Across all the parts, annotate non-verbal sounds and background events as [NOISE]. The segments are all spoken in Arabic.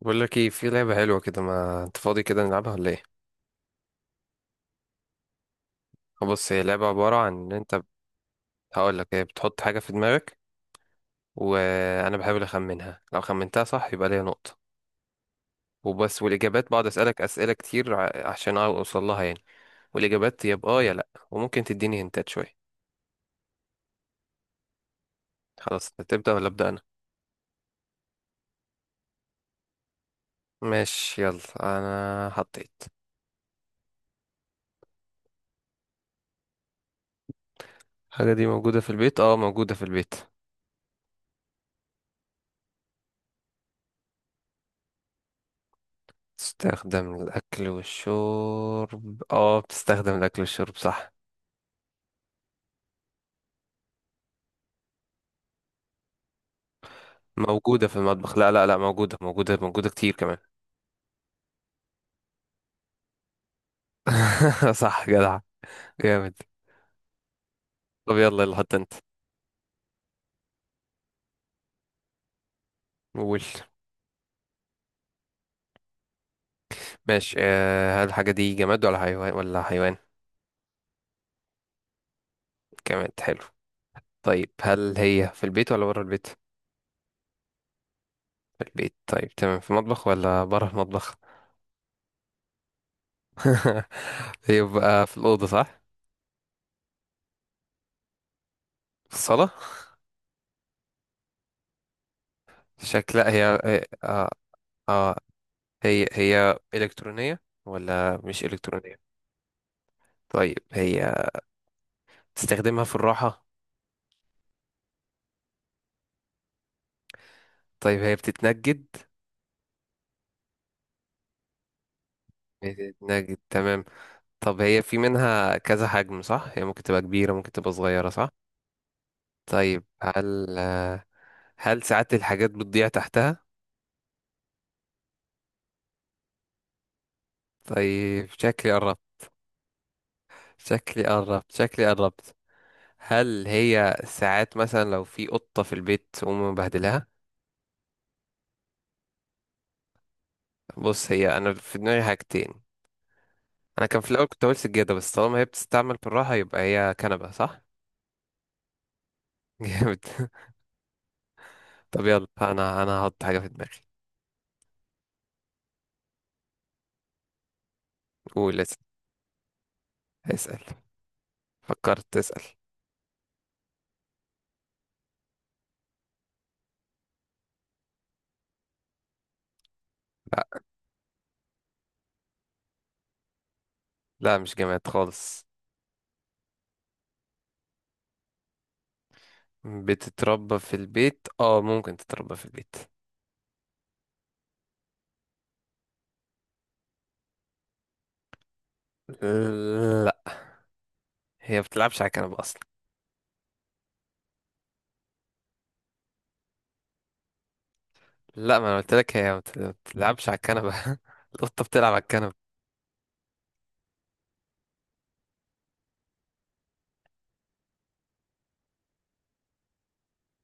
بقول لك ايه؟ في لعبة حلوة كده، ما انت فاضي كده، نلعبها ولا ايه؟ آه، بص، هي لعبة عبارة عن ان انت. هقول لك، هي بتحط حاجة في دماغك وانا بحاول اخمنها. لو خمنتها صح يبقى ليا نقطة وبس. والاجابات، بقعد اسالك اسئلة كتير عشان اوصل لها يعني. والاجابات يا بآه يا لا، وممكن تديني هنتات شوية. خلاص، تبدأ ولا ابدأ انا؟ ماشي يلا، انا حطيت. الحاجة دي موجودة في البيت؟ اه، موجودة في البيت. تستخدم للأكل والشرب؟ اه، بتستخدم للأكل والشرب، صح. موجودة في المطبخ؟ لا لا لا، موجودة موجودة موجودة كتير كمان. [LAUGHS] صح جدع، جامد. طب يلا يلا، حط انت. قول. ماشي. هل الحاجة دي جماد ولا حيوان جماد، حلو. طيب هل هي في البيت ولا بره البيت؟ في البيت. طيب تمام، في المطبخ ولا بره المطبخ؟ [LAUGHS] يبقى في الأوضة، صح؟ في الصالة. شكلها، آه آه، هي هي إلكترونية ولا مش إلكترونية؟ طيب هي تستخدمها في الراحة. طيب هي بتتنجد؟ نجد، تمام. طب هي في منها كذا حجم، صح؟ هي ممكن تبقى كبيرة، ممكن تبقى صغيرة، صح؟ طيب هل ساعات الحاجات بتضيع تحتها؟ طيب شكلي قربت، شكلي قربت، شكلي قربت. هل هي ساعات مثلا لو في قطة في البيت تقوم مبهدلها؟ بص، هي انا في دماغي حاجتين. انا كان في الاول كنت هقول سجادة، بس طالما هي بتستعمل بالراحة يبقى هي كنبة، صح؟ [LAUGHS] جامد. طب يلا، انا هحط حاجة في دماغي. قول، اسأل. اسأل. فكرت تسأل. لا مش جامعات خالص. بتتربى في البيت، اه ممكن تتربى في البيت. لا. هي ما بتلعبش على الكنبة اصلا. لا، ما انا قلت لك هي ما بتلعبش على الكنبة. [LAUGHS] القطة بتلعب على الكنبة.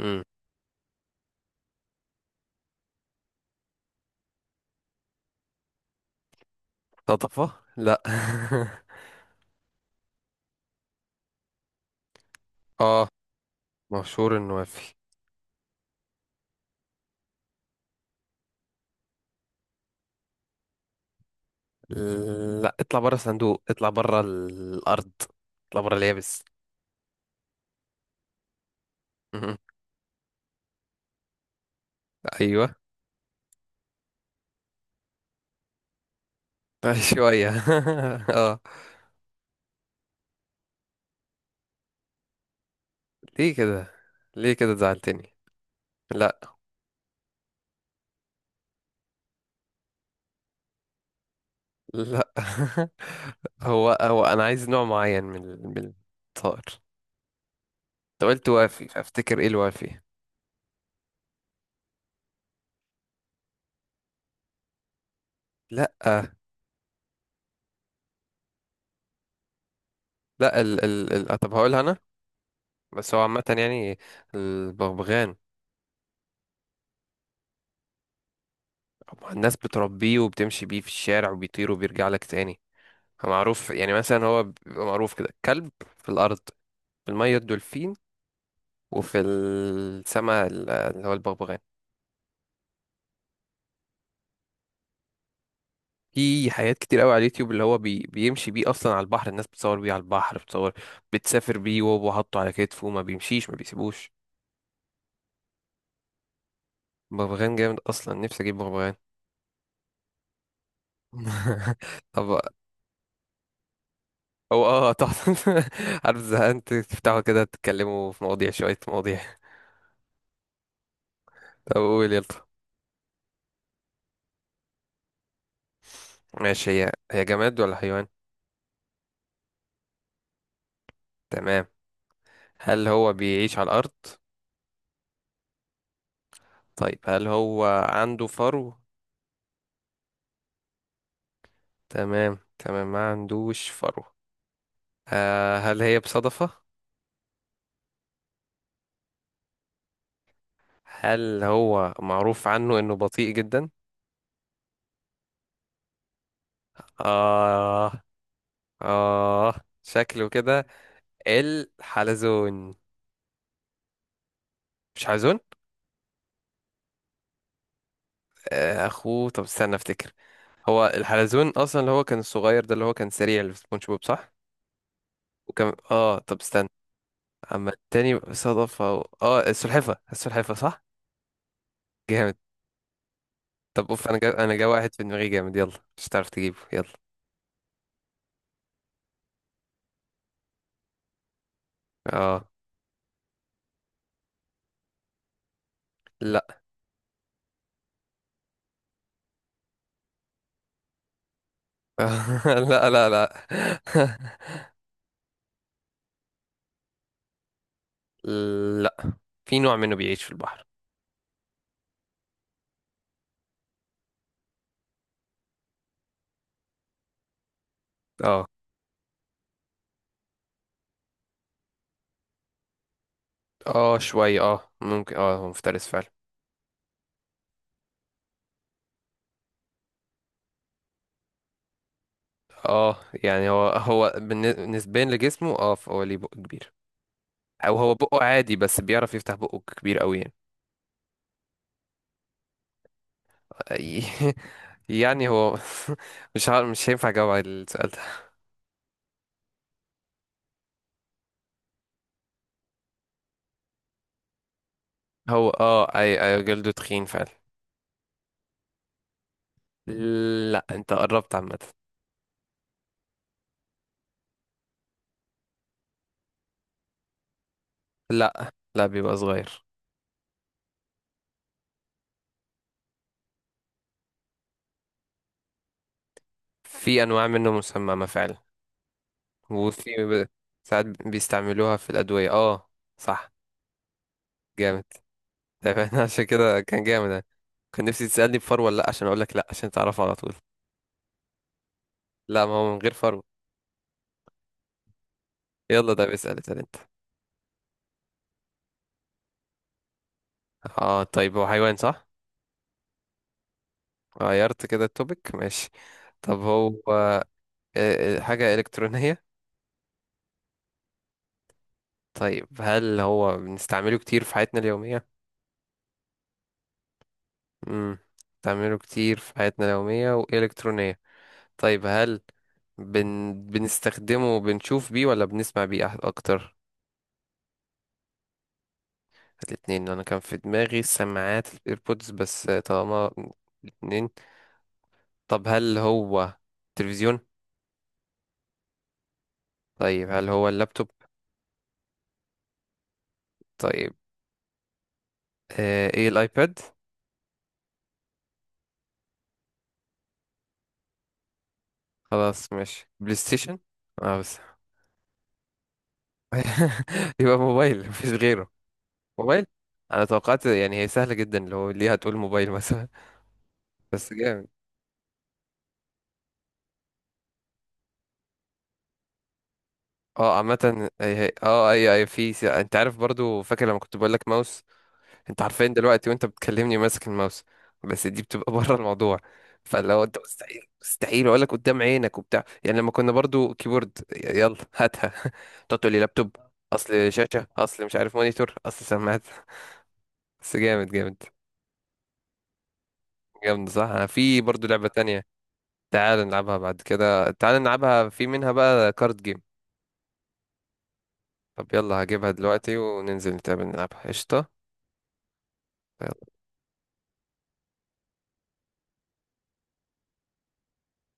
امم صدفة؟ لا. [LAUGHS] اه، مشهور انه وافي. لا، اطلع بره الصندوق، اطلع بره الارض، اطلع بره اليابس. [LAUGHS] مم. ايوه. شوية. [LAUGHS] اه. ليه كده؟ ليه كده زعلتني؟ لا. لا [LAUGHS] هو انا عايز نوع معين من الطائر. انت قلت وافي فافتكر ايه الوافي. لا لا، ال ال ال آه، طب هقولها انا. بس هو عامة يعني، البغبغان. هو الناس بتربيه وبتمشي بيه في الشارع، وبيطير وبيرجع لك تاني. هو معروف، يعني مثلا هو بيبقى معروف كده كلب في الارض، في المية الدولفين، وفي السماء اللي هو البغبغان. في حاجات كتير قوي على اليوتيوب اللي هو بيمشي بيه اصلا على البحر، الناس بتصور بيه على البحر، بتصور، بتسافر بيه وهو حاطه على كتفه، ما بيمشيش ما بيسيبوش. بغبغان جامد اصلا، نفسي اجيب بغبغان. [LAUGHS] طب، هو تحفة. [LAUGHS] عارف زهقان تفتحوا كده تتكلموا في مواضيع، شوية مواضيع. طب قول يلا. ماشي، هي هي جماد ولا حيوان؟ تمام. هل هو بيعيش على الأرض؟ طيب هل هو عنده فرو؟ تمام تمام، ما عندوش فرو. آه، هل هي بصدفة؟ هل هو معروف عنه انه بطيء جدا؟ اه. اه. شكله كده. الحلزون. مش حلزون؟ آه اخوه، طب استنى افتكر. هو الحلزون اصلا اللي هو كان الصغير ده، اللي هو كان سريع اللي في سبونج بوب، صح؟ وكان، طب استنى. اما التاني صدفة و... اه السلحفة، السلحفة، صح؟ جامد. طب اوف، انا جا واحد في دماغي جامد، يلا. مش هتعرف تجيبه، يلا. اه. لا. [LAUGHS] لا لا لا. [LAUGHS] لا، في نوع منه بيعيش في البحر. اه. اه شوية، ممكن، هو مفترس فعلا. اه، يعني هو نسبيا لجسمه، فهو ليه بق كبير. او هو بقه عادي، بس بيعرف يفتح بقه كبير قوي يعني. أي- [LAUGHS] يعني هو. [LAUGHS] مش عارف، مش هينفع اجاوب على السؤال ده. هو اه اي اي جلده تخين فعلا. لا، انت قربت عامة. لا لا، بيبقى صغير. في انواع منه مسممة فعلا. وفي ب- ساعات بيستعملوها في الادوية، اه. صح. جامد. تمام. [LAUGHS] عشان كده كان جامد يعني. كان نفسي تسألني بفر ولا لأ عشان أقول لك لأ، عشان تعرفه على طول. لا، ما هو من غير فرو. يلا ده بيسأل، اسأل أنت. اه، طيب هو حيوان، صح؟ غيرت كده التوبيك، ماشي. طب هو، حاجة إلكترونية. طيب هل هو بنستعمله كتير في حياتنا اليومية؟ امم بنستعمله كتير في حياتنا اليومية، وإلكترونية. طيب هل بنستخدمه، بنشوف بيه ولا بنسمع بيه أكتر؟ الاتنين. انا كان في دماغي سماعات الايربودز، بس طالما الاتنين. طب هل هو تلفزيون؟ طيب هل هو اللابتوب؟ طيب. آه ايه، الايباد؟ خلاص ماشي، بلاي ستيشن؟ اه بس. [LAUGHS] يبقى موبايل، مفيش غيره. موبايل. انا توقعت يعني هي سهلة جدا، لو ليه هتقول موبايل مثلا. [LAUGHS] بس جامد. اه عامة انت عارف برضو، فاكر لما كنت بقول لك ماوس. انت عارفين دلوقتي وانت بتكلمني ماسك الماوس، بس دي بتبقى [LAUGHS] بره الموضوع. فلو انت مستحيل مستحيل اقول لك قدام عينك وبتاع، يعني لما كنا برضو كيبورد، يلا هاتها. [LAUGHS] تقعد تقول لي لابتوب، اصل شاشة، اصل مش عارف مونيتور، اصل سماعات. بس جامد، جامد. جامد، صح. انا في برضو لعبة تانية. تعال نلعبها بعد كده، تعال نلعبها، في منها بقى كارد جيم. طب يلا هجيبها دلوقتي، وننزل نتقابل نلعبها، قشطة.